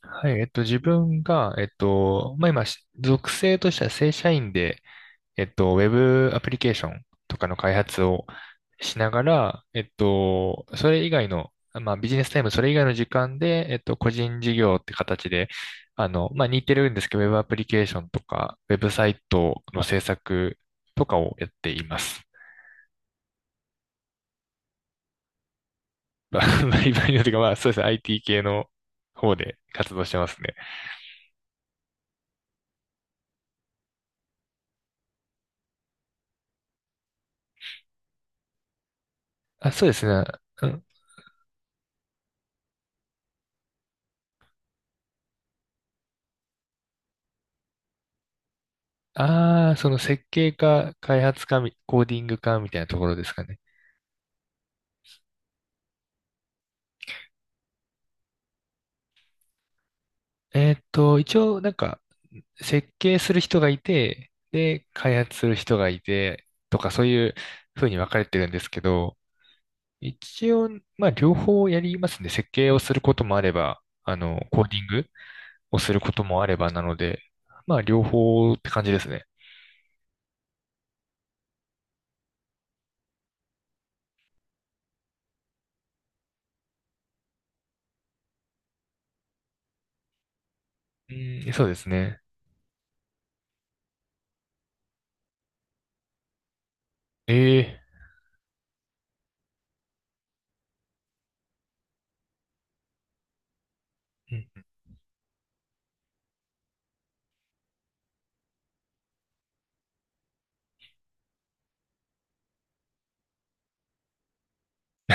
はい、自分が、まあ、今、し属性としては正社員で、ウェブアプリケーションとかの開発をしながら、それ以外の、まあ、ビジネスタイム、それ以外の時間で、個人事業って形で、あの、まあ、似てるんですけど、ウェブアプリケーションとか、ウェブサイトの制作とかをやっています。バリバリのと いうか、まあ、そうですね、IT 系の方で活動してますね。あ、そうですね。ああ、その設計か開発かみコーディングかみたいなところですかね。一応なんか設計する人がいて、で、開発する人がいて、とかそういう風に分かれてるんですけど、一応、まあ両方やりますね。設計をすることもあれば、あの、コーディングをすることもあればなので、まあ両方って感じですね。うん、そうですね。ええ。うん。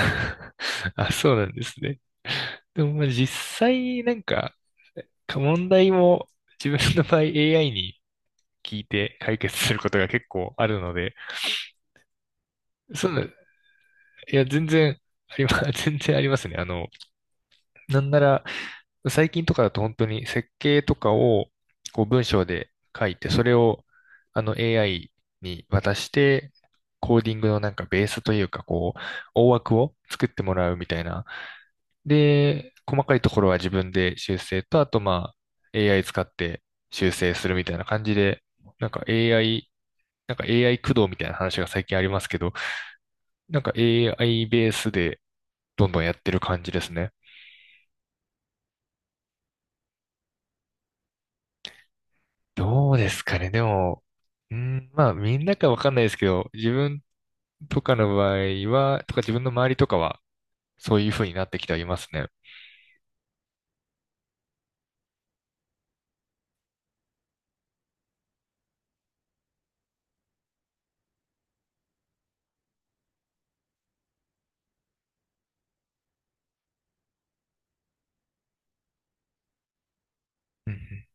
あ、そうなんですね。でも、まあ、実際、なんか、か問題も自分の場合 AI に聞いて解決することが結構あるので、そうなん、いや、全然ありま、全然ありますね。あの、なんなら、最近とかだと本当に設計とかをこう文章で書いて、それをあの AI に渡して、コーディングのなんかベースというか、こう、大枠を作ってもらうみたいな。で、細かいところは自分で修正と、あとまあ AI 使って修正するみたいな感じで、なんか AI、なんか AI 駆動みたいな話が最近ありますけど、なんか AI ベースでどんどんやってる感じですね。どうですかね。でも、うん、まあ、みんなかわかんないですけど、自分とかの場合は、とか自分の周りとかは、そういう風になってきてはいますね。うんうん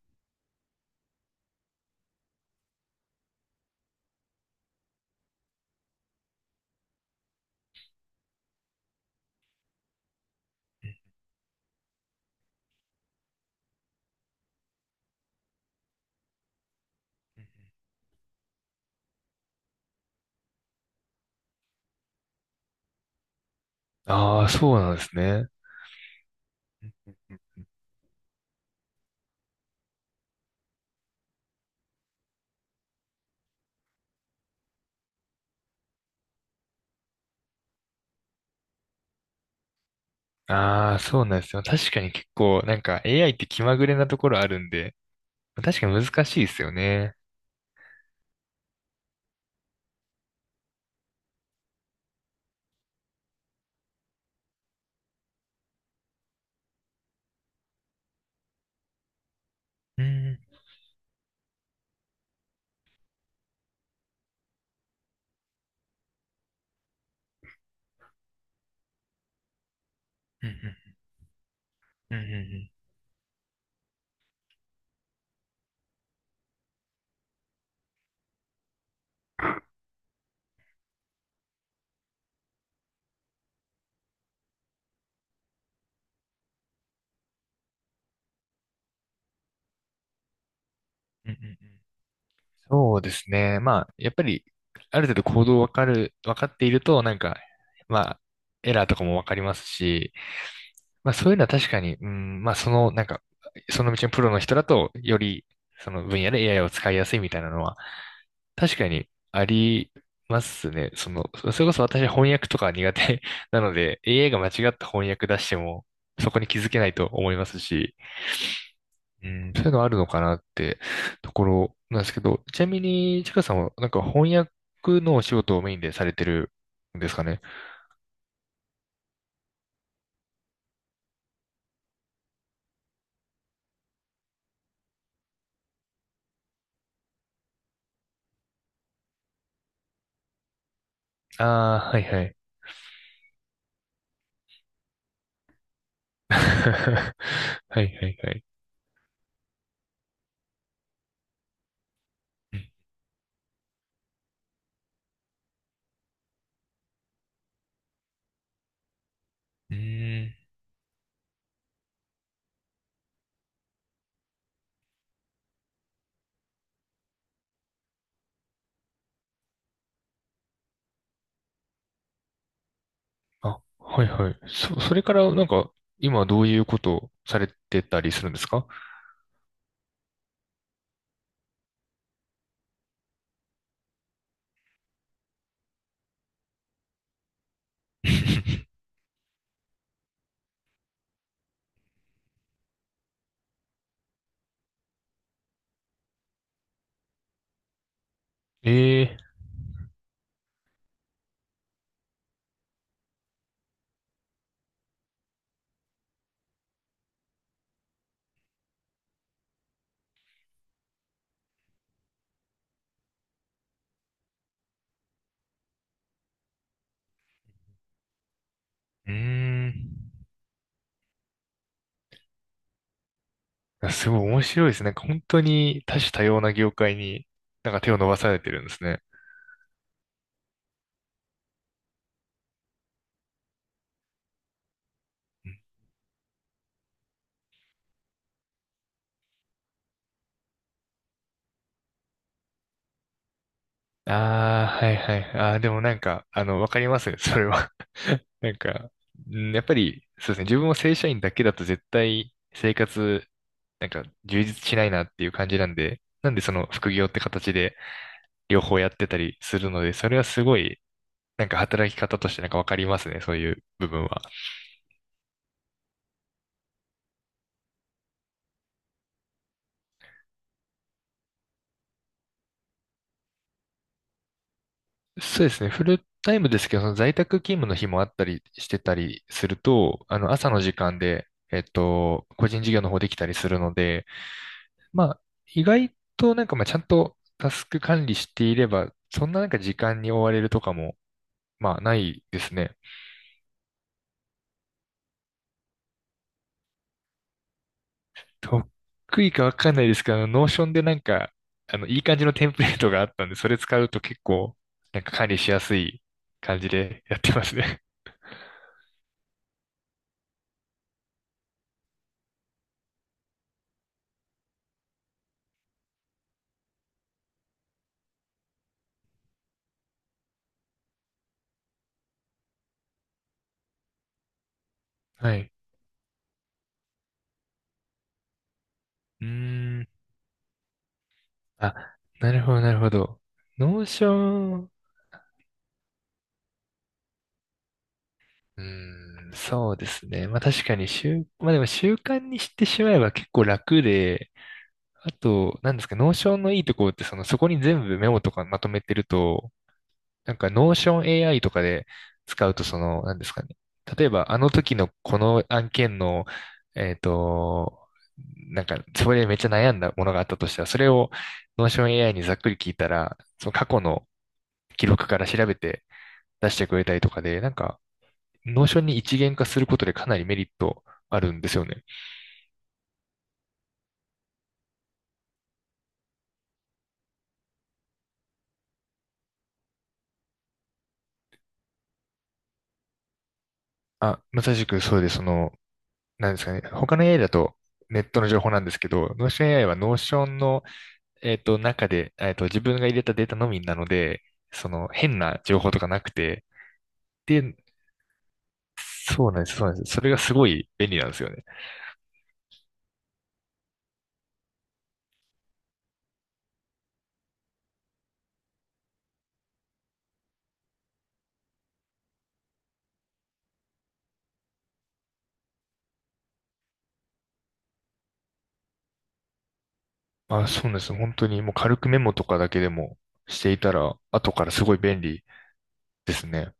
うんうん。ああ、そうなんですね。うんうんうん。ああ、そうなんですよ。確かに結構、なんか AI って気まぐれなところあるんで、確かに難しいですよね。うんうんうんうんうんうんうんうんうん。そうですね。まあ、やっぱり、ある程度行動わかっていると、なんか、まあ、エラーとかもわかりますし、まあそういうのは確かに、うん、まあその、なんか、その道のプロの人だと、より、その分野で AI を使いやすいみたいなのは、確かにありますね。その、それこそ私は翻訳とか苦手 なので、AI が間違った翻訳出しても、そこに気づけないと思いますし、うん、そういうのあるのかなってところなんですけど、ちなみに、ちかさんは、なんか翻訳のお仕事をメインでされてるんですかね。ああー、はいはい。はいはいはい。うん。あ、はいはい。それからなんか、今どういうことをされてたりするんですか？ ええー。うーん。あ、すごい面白いですね。なんか本当に多種多様な業界になんか手を伸ばされてるんですね。ああ、はいはい。ああ、でもなんか、あの、わかりますね、それは。なんか、うんやっぱり、そうですね、自分も正社員だけだと絶対生活、なんか充実しないなっていう感じなんで、なんでその副業って形で両方やってたりするので、それはすごい、なんか働き方としてなんかわかりますね、そういう部分は。そうですね、フルタイムですけど、その在宅勤務の日もあったりしてたりすると、あの、朝の時間で、個人事業の方できたりするので、まあ、意外となんかまあちゃんとタスク管理していれば、そんななんか時間に追われるとかも、まあないですね。得意かわかんないですけど、あの、ノーションでなんか、あの、いい感じのテンプレートがあったんで、それ使うと結構、なんか管理しやすい感じでやってますね。はい。うーん。あ、なるほど、なるほど。ノーション、うーん、そうですね。まあ確かに、まあでも習慣にしてしまえば結構楽で、あと、なんですか、ノーションのいいところって、その、そこに全部メモとかまとめてると、なんか、ノーション AI とかで使うと、その、なんですかね。例えば、あの時のこの案件の、えっと、なんか、それでめっちゃ悩んだものがあったとしたら、それをノーション AI にざっくり聞いたら、その過去の記録から調べて出してくれたりとかで、なんか、ノーションに一元化することでかなりメリットあるんですよね。あ、まさしくそうで、その、なんですかね。他の AI だとネットの情報なんですけど、ノーション AI はノーションの中で、自分が入れたデータのみなので、その、変な情報とかなくて、で、そうなんです、そうなんです。それがすごい便利なんですよね。あ、そうなんです。本当にもう軽くメモとかだけでもしていたら、後からすごい便利ですね。